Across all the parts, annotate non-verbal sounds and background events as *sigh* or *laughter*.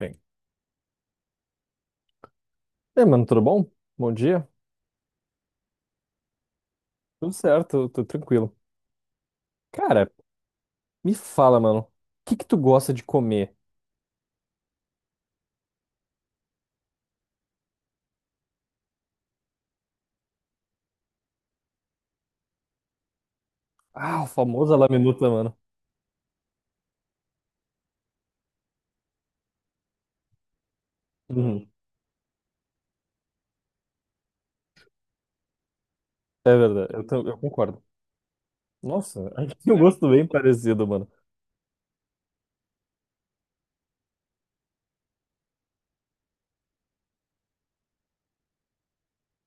Bem. E aí, mano, tudo bom? Bom dia? Tudo certo, tô tranquilo. Cara, me fala, mano, o que tu gosta de comer? Ah, o famoso laminuta, mano. Uhum, é verdade, eu concordo. Nossa, *laughs* a gente tem um gosto bem parecido, mano.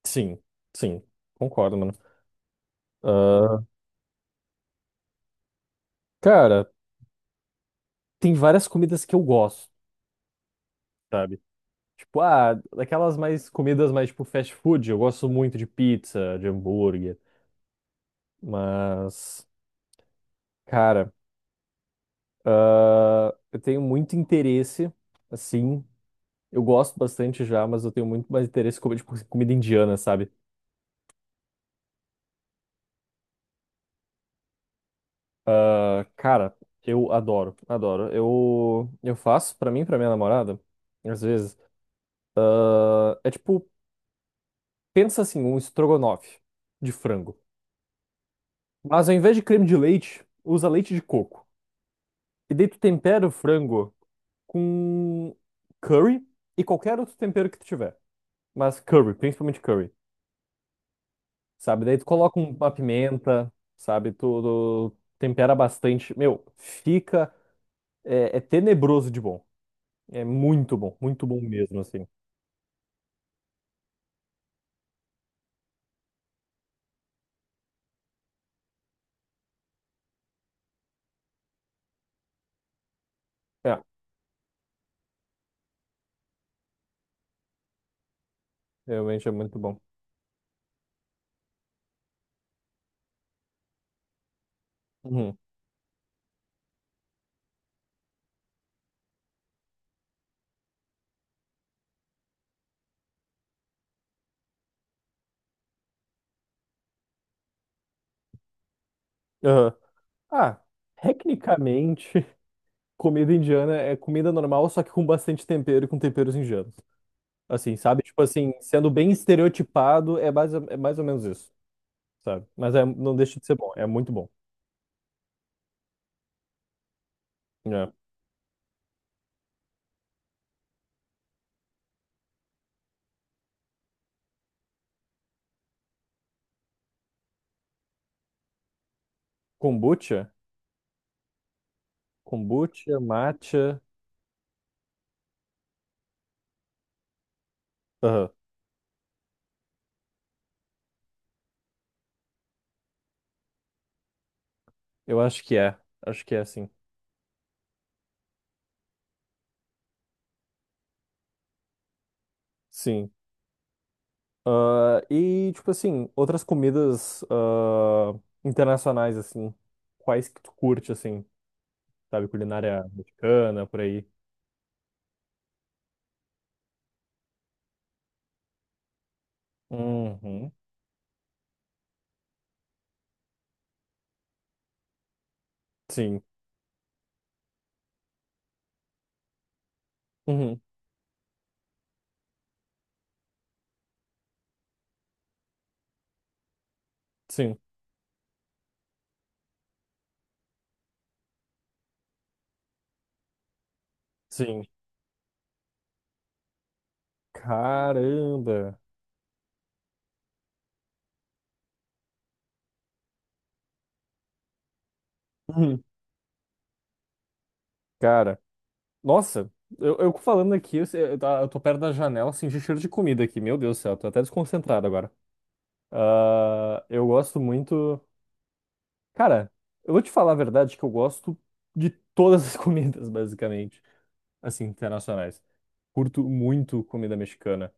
Sim, sim, concordo, mano. Ah, cara, tem várias comidas que eu gosto, sabe? Tipo, ah, daquelas mais comidas mais tipo fast food, eu gosto muito de pizza, de hambúrguer, mas, cara. Ah, eu tenho muito interesse, assim. Eu gosto bastante já, mas eu tenho muito mais interesse em comer, tipo, comida indiana, sabe? Ah, cara, eu adoro, adoro. Eu faço pra mim e pra minha namorada, às vezes. Ah, é tipo, pensa assim, um estrogonofe de frango. Mas ao invés de creme de leite, usa leite de coco. E daí tu tempera o frango com curry e qualquer outro tempero que tu tiver. Mas curry, principalmente curry, sabe? Daí tu coloca uma pimenta, sabe? Tu tempera bastante. Meu, fica. É, é tenebroso de bom. É muito bom mesmo, assim. É, realmente é muito bom. Uhum. Aham. Ah, tecnicamente, *laughs* comida indiana é comida normal, só que com bastante tempero e com temperos indianos. Assim, sabe? Tipo assim, sendo bem estereotipado, é mais ou menos isso, sabe? Mas não deixa de ser bom, é muito bom. É. Kombucha, kombucha, matcha. Eu acho que é. Acho que é, sim. Sim. Ah, e, tipo assim, outras comidas ah, internacionais, assim. Quais que tu curte, assim? Sabe, culinária mexicana, por aí. Uhum. Sim. Uhum. Sim. Sim. Caramba. Uhum. Cara, nossa, eu falando aqui, eu, sei- eu tá- eu tô perto da janela, senti cheiro de comida aqui. Meu Deus do céu, tô até desconcentrado agora. Ah, eu gosto muito. Cara, eu vou te falar a verdade que eu gosto de todas as *laughs* comidas, basicamente, assim, internacionais. Curto muito comida mexicana,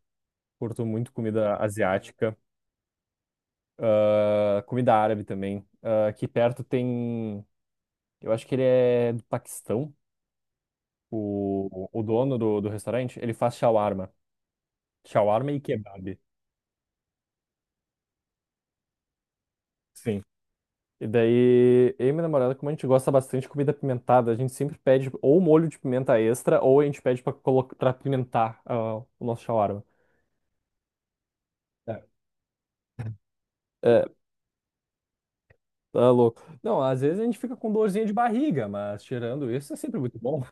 curto muito comida asiática, ah, comida árabe também. Ah, aqui perto tem, eu acho que ele é do Paquistão, o dono do, do restaurante, ele faz shawarma. Shawarma e kebab. Sim. E daí, eu e minha namorada, como a gente gosta bastante de comida apimentada, a gente sempre pede ou molho de pimenta extra, ou a gente pede pra, pra apimentar ah, o nosso shawarma. É. É, tá louco. Não, às vezes a gente fica com dorzinha de barriga, mas tirando isso é sempre muito bom.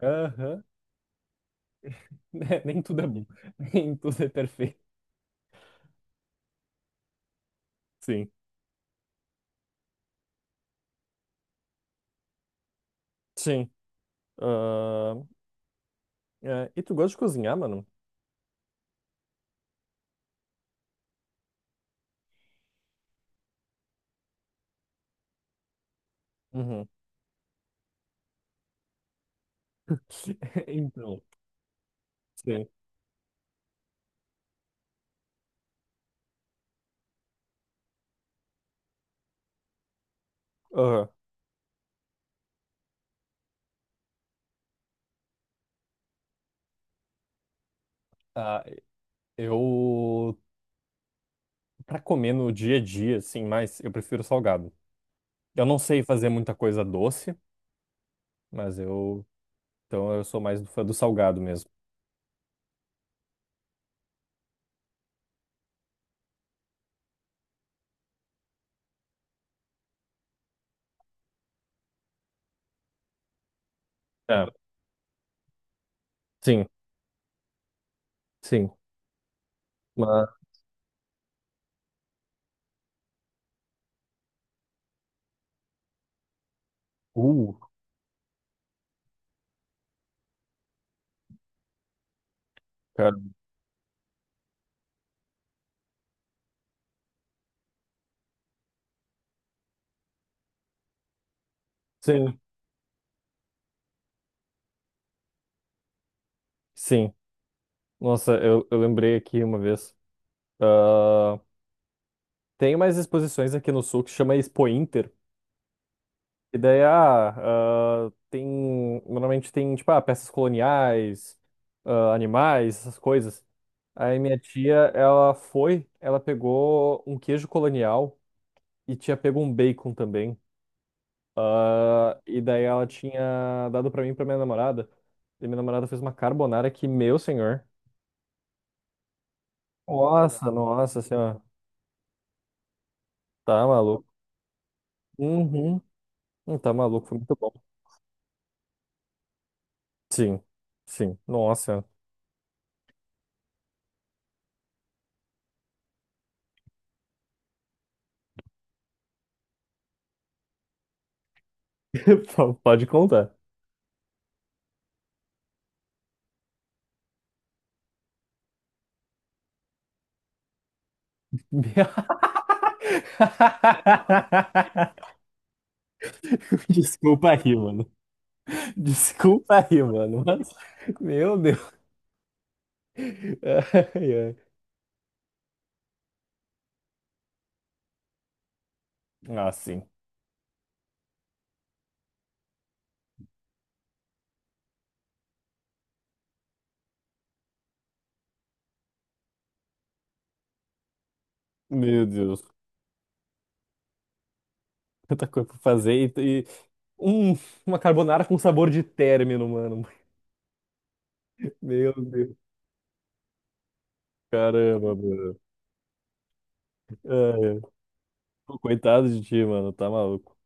*laughs* Aham. *laughs* Nem tudo é bom. *laughs* Nem tudo é perfeito. Sim. Sim. Ah, é, e tu gosta de cozinhar, mano? Uhum. *laughs* Então, sim. Aham. Ah, eu, pra comer no dia a dia, assim, mas eu prefiro salgado. Eu não sei fazer muita coisa doce, mas eu. Então eu sou mais do fã do salgado mesmo. É, sim, sim. Mas. Uh, cara. Sim, sim. Nossa, eu lembrei aqui uma vez. Ah, tem umas exposições aqui no sul que chama Expo Inter. E daí, ah, ah, tem. Normalmente tem, tipo, ah, peças coloniais, ah, animais, essas coisas. Aí minha tia, ela foi, ela pegou um queijo colonial e tinha pego um bacon também. Ah, e daí ela tinha dado pra mim e pra minha namorada. E minha namorada fez uma carbonara que, meu senhor. Nossa, nossa senhora. Tá maluco. Uhum. Não, tá maluco, foi muito bom. Sim, sim. Nossa. *laughs* P- Pode contar. *laughs* Desculpa aí, mano. Desculpa aí, mano. Mas- Meu Deus. *laughs* Ai, ai. Ah, sim. Meu Deus. Tanta coisa pra fazer. Um, uma carbonara com sabor de término, mano. *laughs* Meu Deus. Caramba, mano. Ai, ai. Coitado de ti, mano. Tá maluco.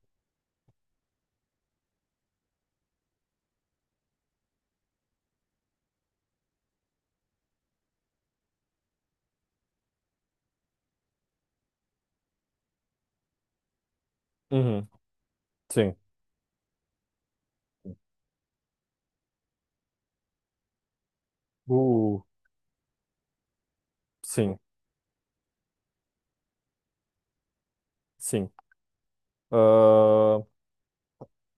Uhum. Sim. Uh, sim, sim. Ah,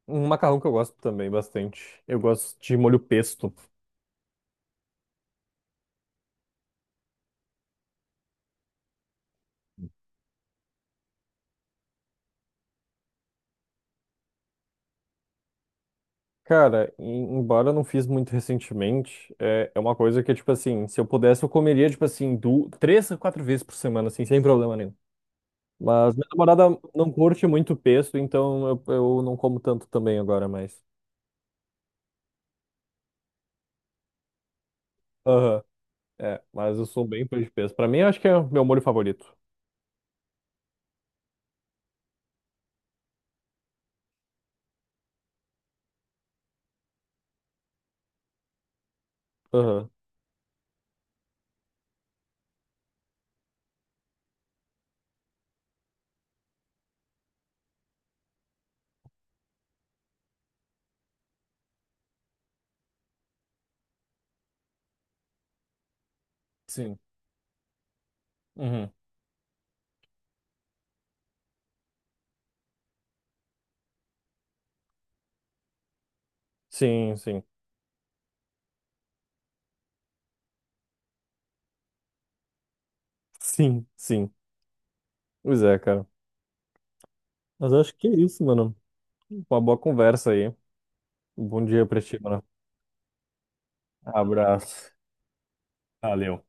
um macarrão que eu gosto também bastante. Eu gosto de molho pesto. Cara, embora eu não fiz muito recentemente, é, é uma coisa que, tipo assim, se eu pudesse, eu comeria, tipo assim, du 3 a 4 vezes por semana, assim, sem problema nenhum. Mas minha namorada não curte muito pesto, então eu não como tanto também agora mais. Aham. É, mas eu sou bem pão de queijo. Pra mim, eu acho que é o meu molho favorito. Aham. Sim. Uhum. Sim, sim. Sim, sim. Pois é, cara. Mas eu acho que é isso, mano. Uma boa conversa aí. Um bom dia pra ti, mano. Abraço. Valeu.